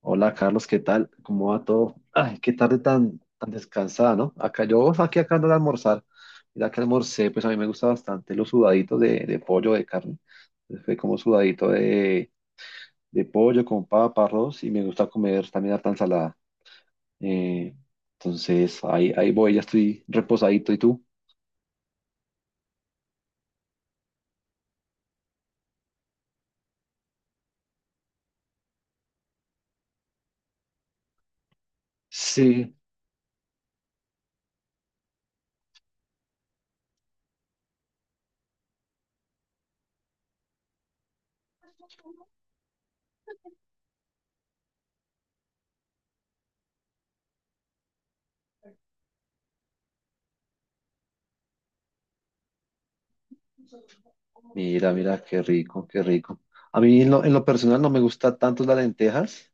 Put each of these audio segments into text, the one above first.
Hola Carlos, ¿qué tal? ¿Cómo va todo? Ay, qué tarde tan descansada, ¿no? Acá yo aquí acá ando de almorzar. Mira que almorcé, pues a mí me gusta bastante los sudaditos de pollo, de carne. Entonces fue como sudadito de pollo con papa, arroz y me gusta comer también harta ensalada. Eh, entonces ahí voy, ya estoy reposadito. ¿Y tú? Sí, mira, mira, qué rico, qué rico. A mí en lo personal no me gusta tanto las lentejas.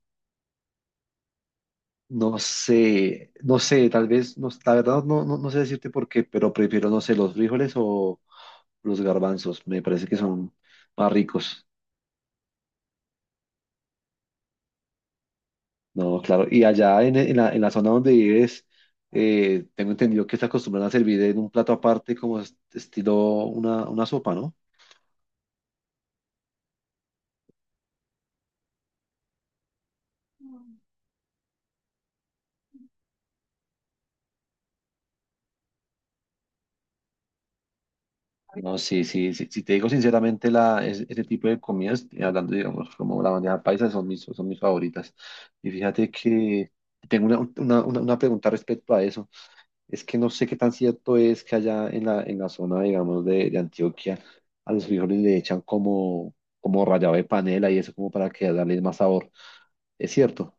No sé, no sé, tal vez, no, la verdad no, no, no sé decirte por qué, pero prefiero, no sé, los frijoles o los garbanzos, me parece que son más ricos. No, claro, y allá en la zona donde vives, tengo entendido que se acostumbran a servir en un plato aparte como estilo una sopa, ¿no? No, sí, sí, sí, si te digo sinceramente, ese tipo de comidas, hablando, digamos, como la bandeja paisa, son mis favoritas. Y fíjate que tengo una pregunta respecto a eso. Es que no sé qué tan cierto es que allá en la zona, digamos, de Antioquia, a los frijoles le echan como rallado de panela y eso como para que darle más sabor. ¿Es cierto?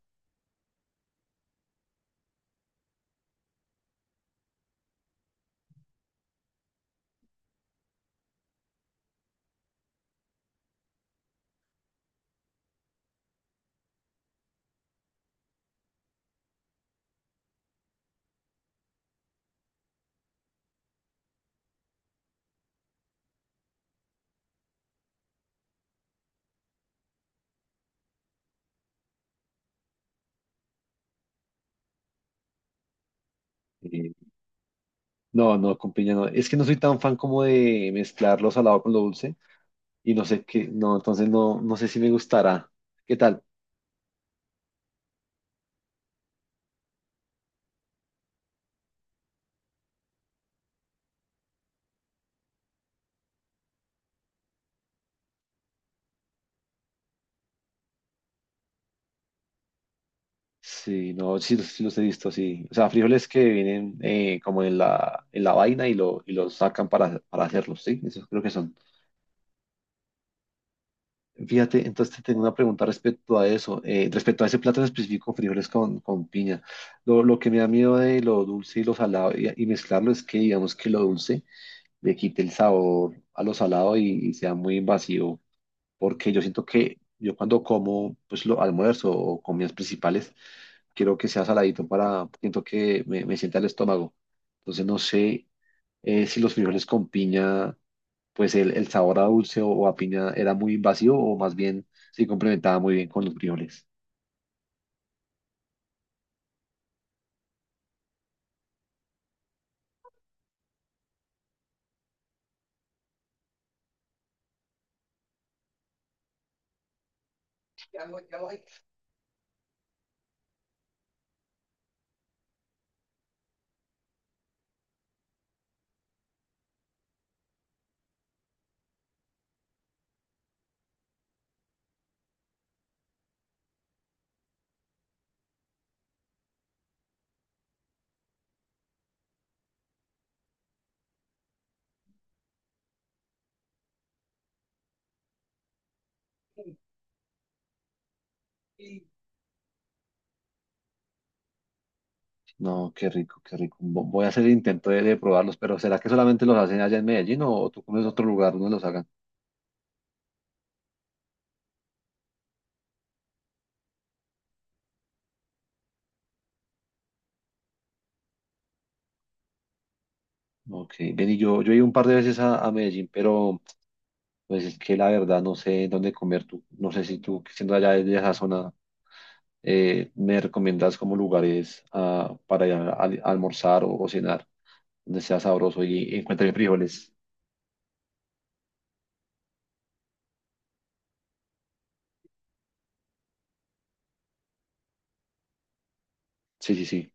Eh, no, no, con piña no. Es que no soy tan fan como de mezclar lo salado con lo dulce y no sé qué, no, entonces no, no sé si me gustará. ¿Qué tal? Sí, no, sí, sí los he visto, sí. O sea, frijoles que vienen como en la vaina y, lo, y los sacan para hacerlos, ¿sí? Esos creo que son. Fíjate, entonces te tengo una pregunta respecto a eso, respecto a ese plato en específico, frijoles con piña. Lo que me da miedo de lo dulce y lo salado y mezclarlo es que digamos que lo dulce le quite el sabor a lo salado y sea muy invasivo, porque yo siento que yo cuando como pues lo almuerzo o comidas principales, quiero que sea saladito para, siento que me sienta el estómago. Entonces no sé si los frijoles con piña pues el sabor a dulce o, a piña era muy invasivo o más bien se complementaba muy bien con los frijoles. No, qué rico, qué rico. Voy a hacer el intento de probarlos, pero ¿será que solamente los hacen allá en Medellín o tú conoces otro lugar donde los hagan? Ok, ven y yo he ido un par de veces a Medellín, pero pues es que la verdad no sé dónde comer tú. No sé si tú, que siendo allá de esa zona, me recomiendas como lugares ah, para ir a almorzar o cenar, donde sea sabroso y, encuentre frijoles. Sí, sí, sí.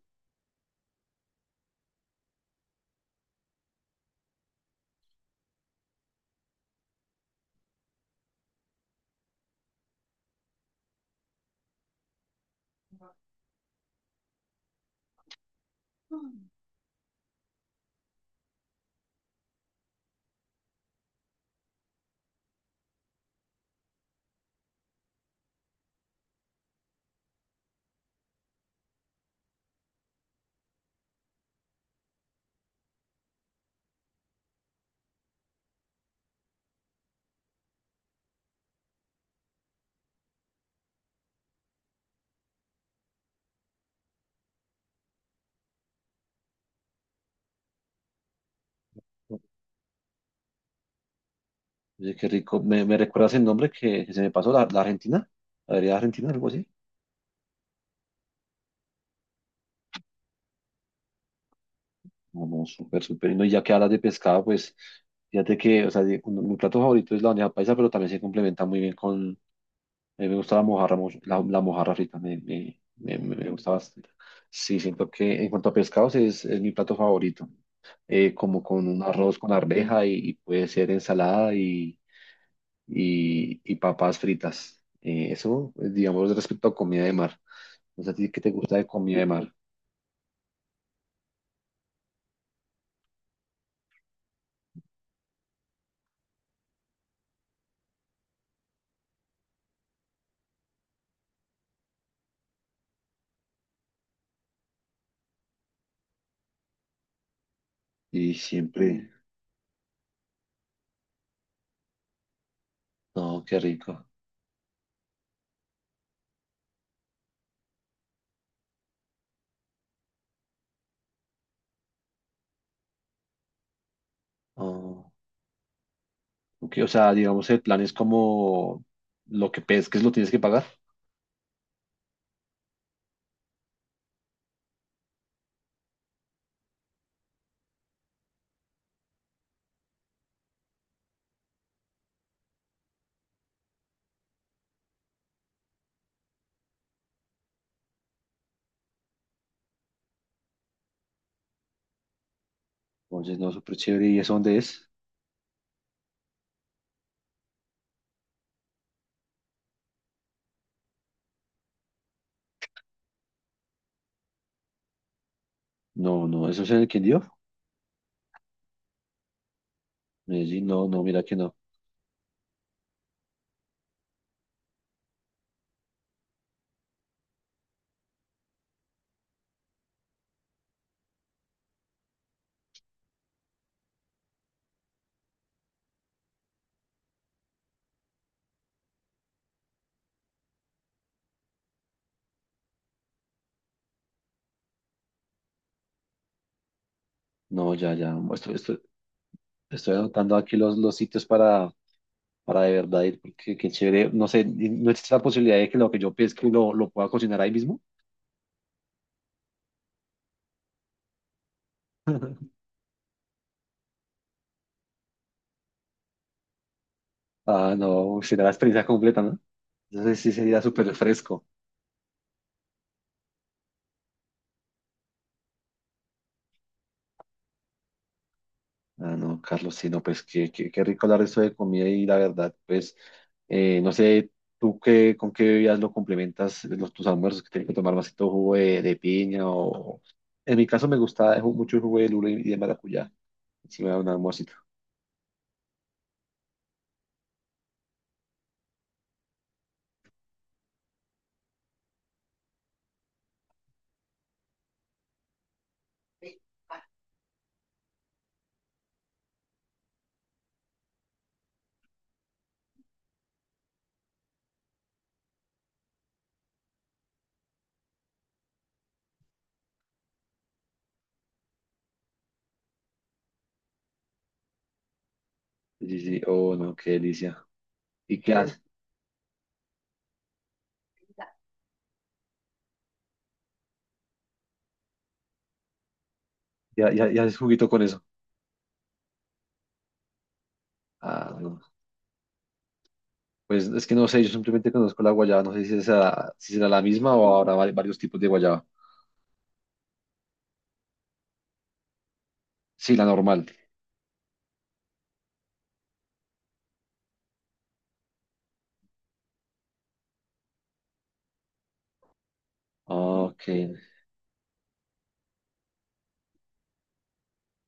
Oye, qué rico. Me recuerdas el nombre que se me pasó? La Argentina? ¿La vereda Argentina? ¿Algo así? No, no, súper, súper. Y no, y ya que hablas de pescado, pues fíjate que, o sea, de- un- mi plato favorito es la bandeja paisa, pero también se complementa muy bien con... A mí me gusta la mojarra, mucho, la mojarra frita, me gusta bastante. Sí, siento que en cuanto a pescados es mi plato favorito. Como con un arroz con arveja y puede ser ensalada y papas fritas. Eso, pues, digamos, respecto a comida de mar. No sé a ti qué te gusta de comida de mar. Y siempre, no, qué rico. Oh, ok, o sea, digamos, el plan es como lo que pesques lo tienes que pagar. Entonces, no, súper chévere. ¿Y eso dónde es? No, no, ¿eso es en el Quindío? Medellín, no, no, mira que no. No, ya, ya. Estoy anotando aquí los sitios para de verdad ir, porque qué chévere. No sé, ¿no existe la posibilidad de que lo que yo pesque lo pueda cocinar ahí mismo? Ah, no, será la experiencia completa, ¿no? Entonces sí sería súper fresco. Ah, no, Carlos, sí, no, pues qué rico hablar de esto de comida y la verdad, pues no sé, tú qué, con qué bebidas lo complementas los, tus almuerzos, que tienes que tomar vasito jugo de piña o... En mi caso me gusta mucho el jugo de lula y de maracuyá, si me da un almuercito. Sí, sí, sí, oh, no, qué delicia. ¿Y qué haces? Ya haces juguito con eso? Ah, no. Pues es que no sé, yo simplemente conozco la guayaba, no sé si será, si será la misma o habrá varios tipos de guayaba. Sí, la normal. Ah, ok,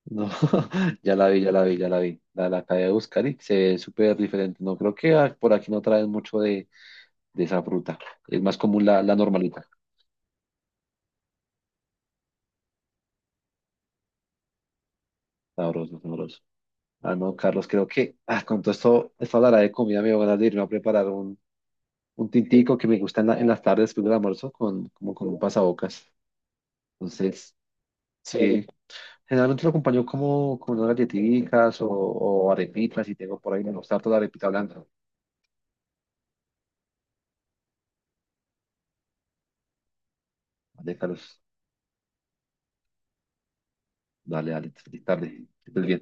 no, ya la vi. La acabé de buscar y se ve súper diferente. No creo que ah, por aquí no traen mucho de esa fruta. Es más común la normalita. Sabroso, sabroso. Ah, no, Carlos, creo que ah, con todo esto, esta hablará de comida, me dio ganas de irme a preparar un tintico que me gusta en las tardes después del almuerzo, con, como con un pasabocas. Entonces, sí, generalmente lo acompaño como con unas galletitas o arepitas, si tengo por ahí, me gusta harto la arepita blanca. Vale, Carlos, dale, dale, feliz tarde. Que estés bien.